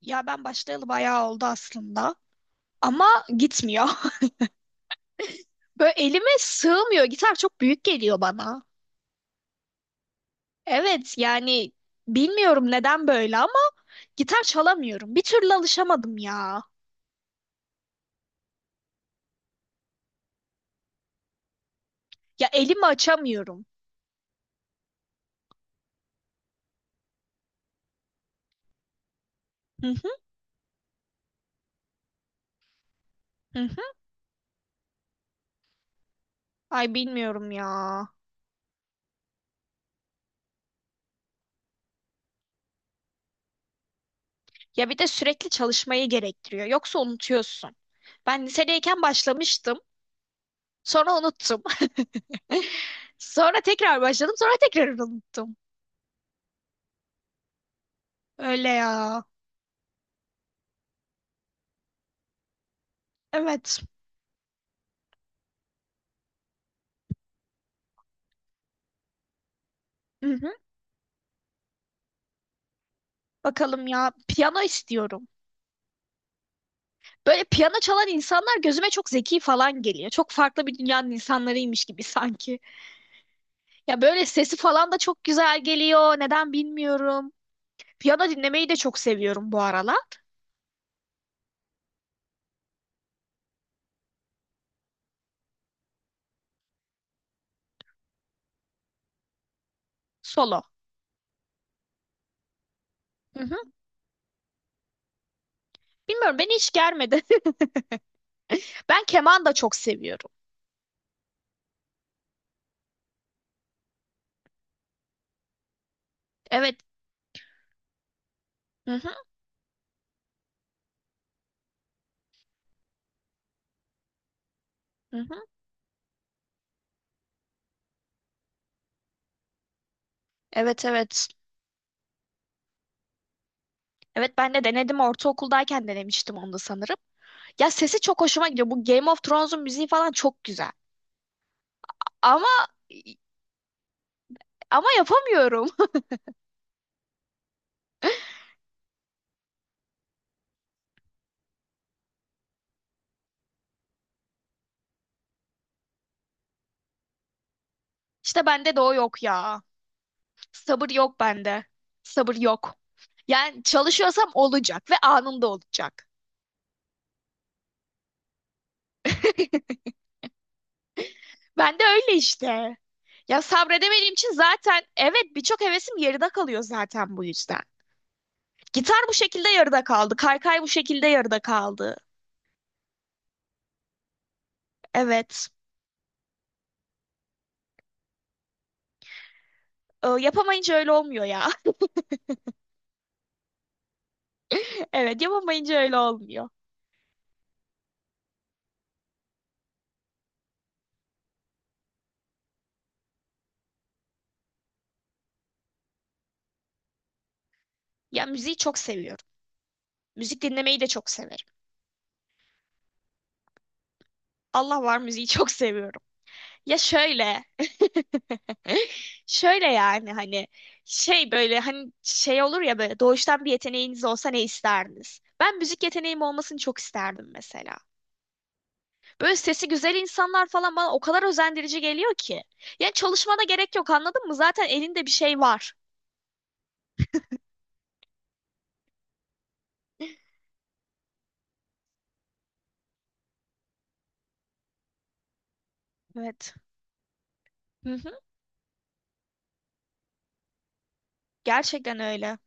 Ya ben başlayalı bayağı oldu aslında. Ama gitmiyor. Böyle elime sığmıyor. Gitar çok büyük geliyor bana. Evet yani bilmiyorum neden böyle ama gitar çalamıyorum. Bir türlü alışamadım ya. Ya elimi açamıyorum. Hı hı hı hı. Ay bilmiyorum ya. Ya bir de sürekli çalışmayı gerektiriyor. Yoksa unutuyorsun. Ben lisedeyken başlamıştım. Sonra unuttum. Sonra tekrar başladım. Sonra tekrar unuttum. Öyle ya. Evet. Bakalım ya, piyano istiyorum. Böyle piyano çalan insanlar gözüme çok zeki falan geliyor. Çok farklı bir dünyanın insanlarıymış gibi sanki. Ya böyle sesi falan da çok güzel geliyor. Neden bilmiyorum. Piyano dinlemeyi de çok seviyorum bu aralar. Solo. Hı hı. Bilmiyorum, beni hiç germedi. Ben keman da çok seviyorum. Evet. Hı hı, hı hı. Evet evet. Evet ben de denedim, ortaokuldayken denemiştim onu da sanırım. Ya sesi çok hoşuma gidiyor. Bu Game of Thrones'un müziği falan çok güzel. Ama ama yapamıyorum. İşte bende de o yok ya. Sabır yok bende. Sabır yok. Yani çalışıyorsam olacak ve anında olacak. Ben de öyle işte. Ya sabredemediğim için zaten evet birçok hevesim yarıda kalıyor zaten bu yüzden. Gitar bu şekilde yarıda kaldı. Kaykay bu şekilde yarıda kaldı. Evet. Yapamayınca öyle olmuyor ya. Evet yapamayınca öyle olmuyor. Ya müziği çok seviyorum. Müzik dinlemeyi de çok severim. Allah var, müziği çok seviyorum. Ya şöyle, şöyle yani hani şey böyle hani şey olur ya, böyle doğuştan bir yeteneğiniz olsa ne isterdiniz? Ben müzik yeteneğim olmasını çok isterdim mesela. Böyle sesi güzel insanlar falan bana o kadar özendirici geliyor ki. Yani çalışmana gerek yok, anladın mı? Zaten elinde bir şey var. Evet. Hı hı. Gerçekten öyle.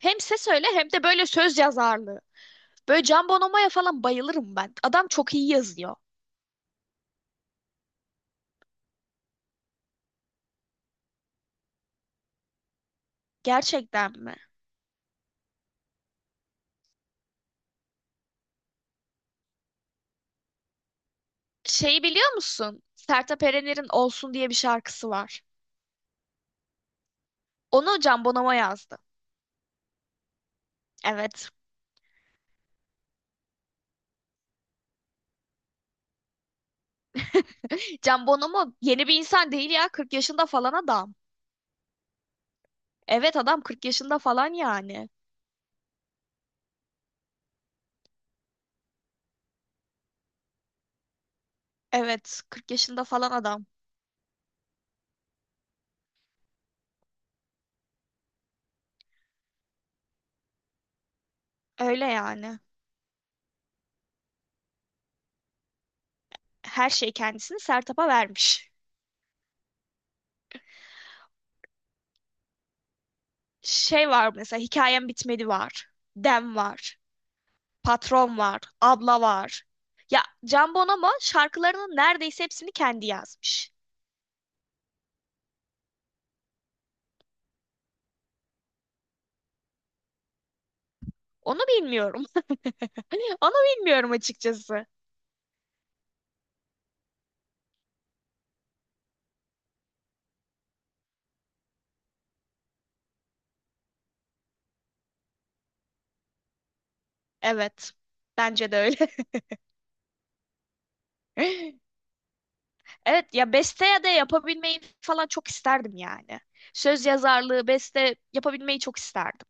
Hem ses öyle hem de böyle söz yazarlığı. Böyle Can Bonomo'ya falan bayılırım ben. Adam çok iyi yazıyor. Gerçekten mi? Şeyi biliyor musun? Sertab Erener'in Olsun diye bir şarkısı var. Onu Can Bonomo yazdı. Evet. Can Bonomo yeni bir insan değil ya. 40 yaşında falan adam. Evet adam 40 yaşında falan yani. Evet, 40 yaşında falan adam. Öyle yani. Her şey kendisini Sertab'a vermiş. Şey var mesela, hikayem bitmedi var. Dem var. Patron var. Abla var. Ya Can Bonomo şarkılarının neredeyse hepsini kendi yazmış. Onu bilmiyorum. Onu bilmiyorum açıkçası. Evet. Bence de öyle. Evet ya, beste ya da yapabilmeyi falan çok isterdim yani. Söz yazarlığı, beste yapabilmeyi çok isterdim.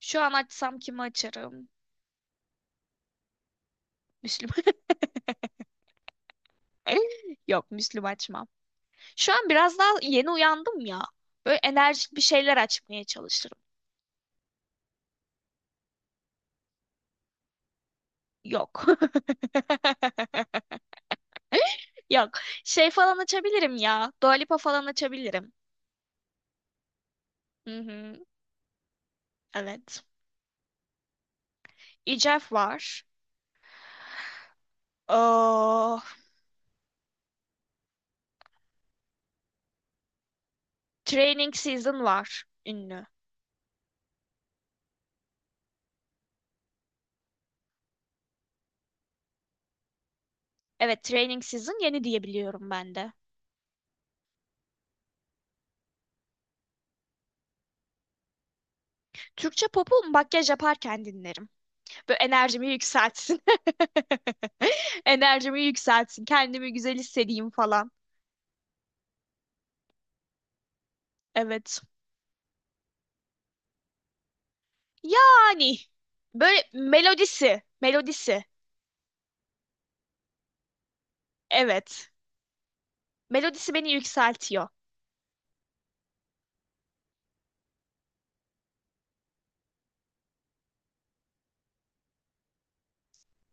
Şu an açsam kimi açarım? Müslüm. Yok, Müslüm açmam. Şu an biraz daha yeni uyandım ya. Böyle enerjik bir şeyler açmaya çalışırım. Yok. Yok. Şey falan açabilirim ya. Dua Lipa falan açabilirim. Hı hı. Evet. Ecef var. Oh, Training Season var. Ünlü. Evet, Training Season yeni diyebiliyorum ben de. Türkçe pop'u makyaj yaparken dinlerim. Böyle enerjimi yükseltsin. Enerjimi yükseltsin. Kendimi güzel hissedeyim falan. Evet. Yani böyle melodisi, melodisi. Evet. Melodisi beni yükseltiyor.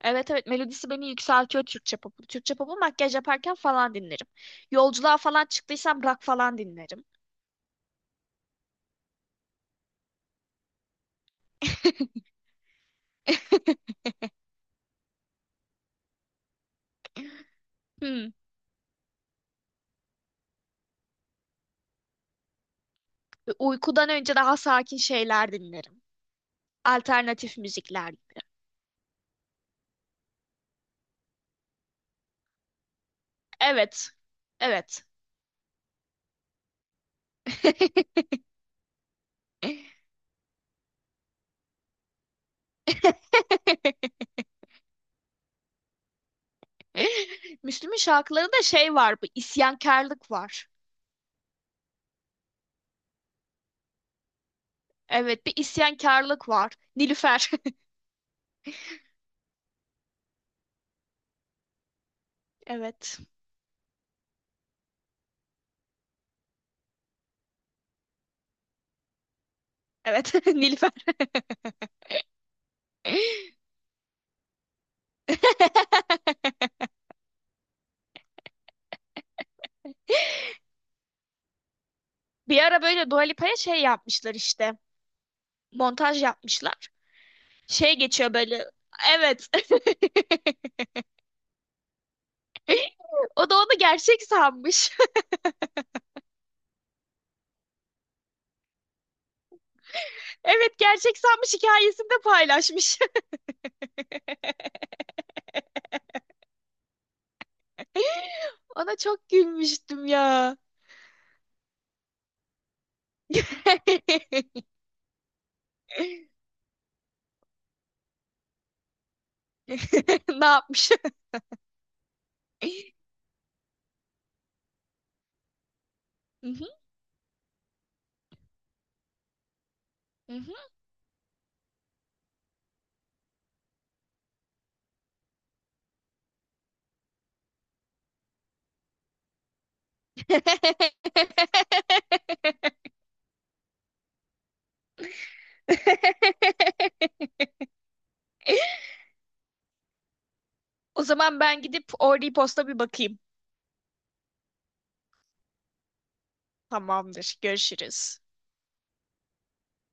Evet evet, melodisi beni yükseltiyor Türkçe popu. Türkçe popu makyaj yaparken falan dinlerim. Yolculuğa falan çıktıysam rock falan dinlerim. Hmm. Uykudan önce daha sakin şeyler dinlerim. Alternatif müzikler gibi. Evet. Evet. Müslüm'ün şarkılarında şey var, bir isyankarlık var. Evet, bir isyankarlık var. Nilüfer. Evet. Evet, Nilüfer. Bir ara böyle Dua Lipa'ya şey yapmışlar işte. Montaj yapmışlar. Şey geçiyor böyle. Evet. O da onu gerçek sanmış. Evet, gerçek sanmış, hikayesinde paylaşmış. Ona çok gülmüştüm ya. Ne yapmış? Hı hı, hı hı. O zaman ben gidip Orly Post'a bir bakayım. Tamamdır. Görüşürüz.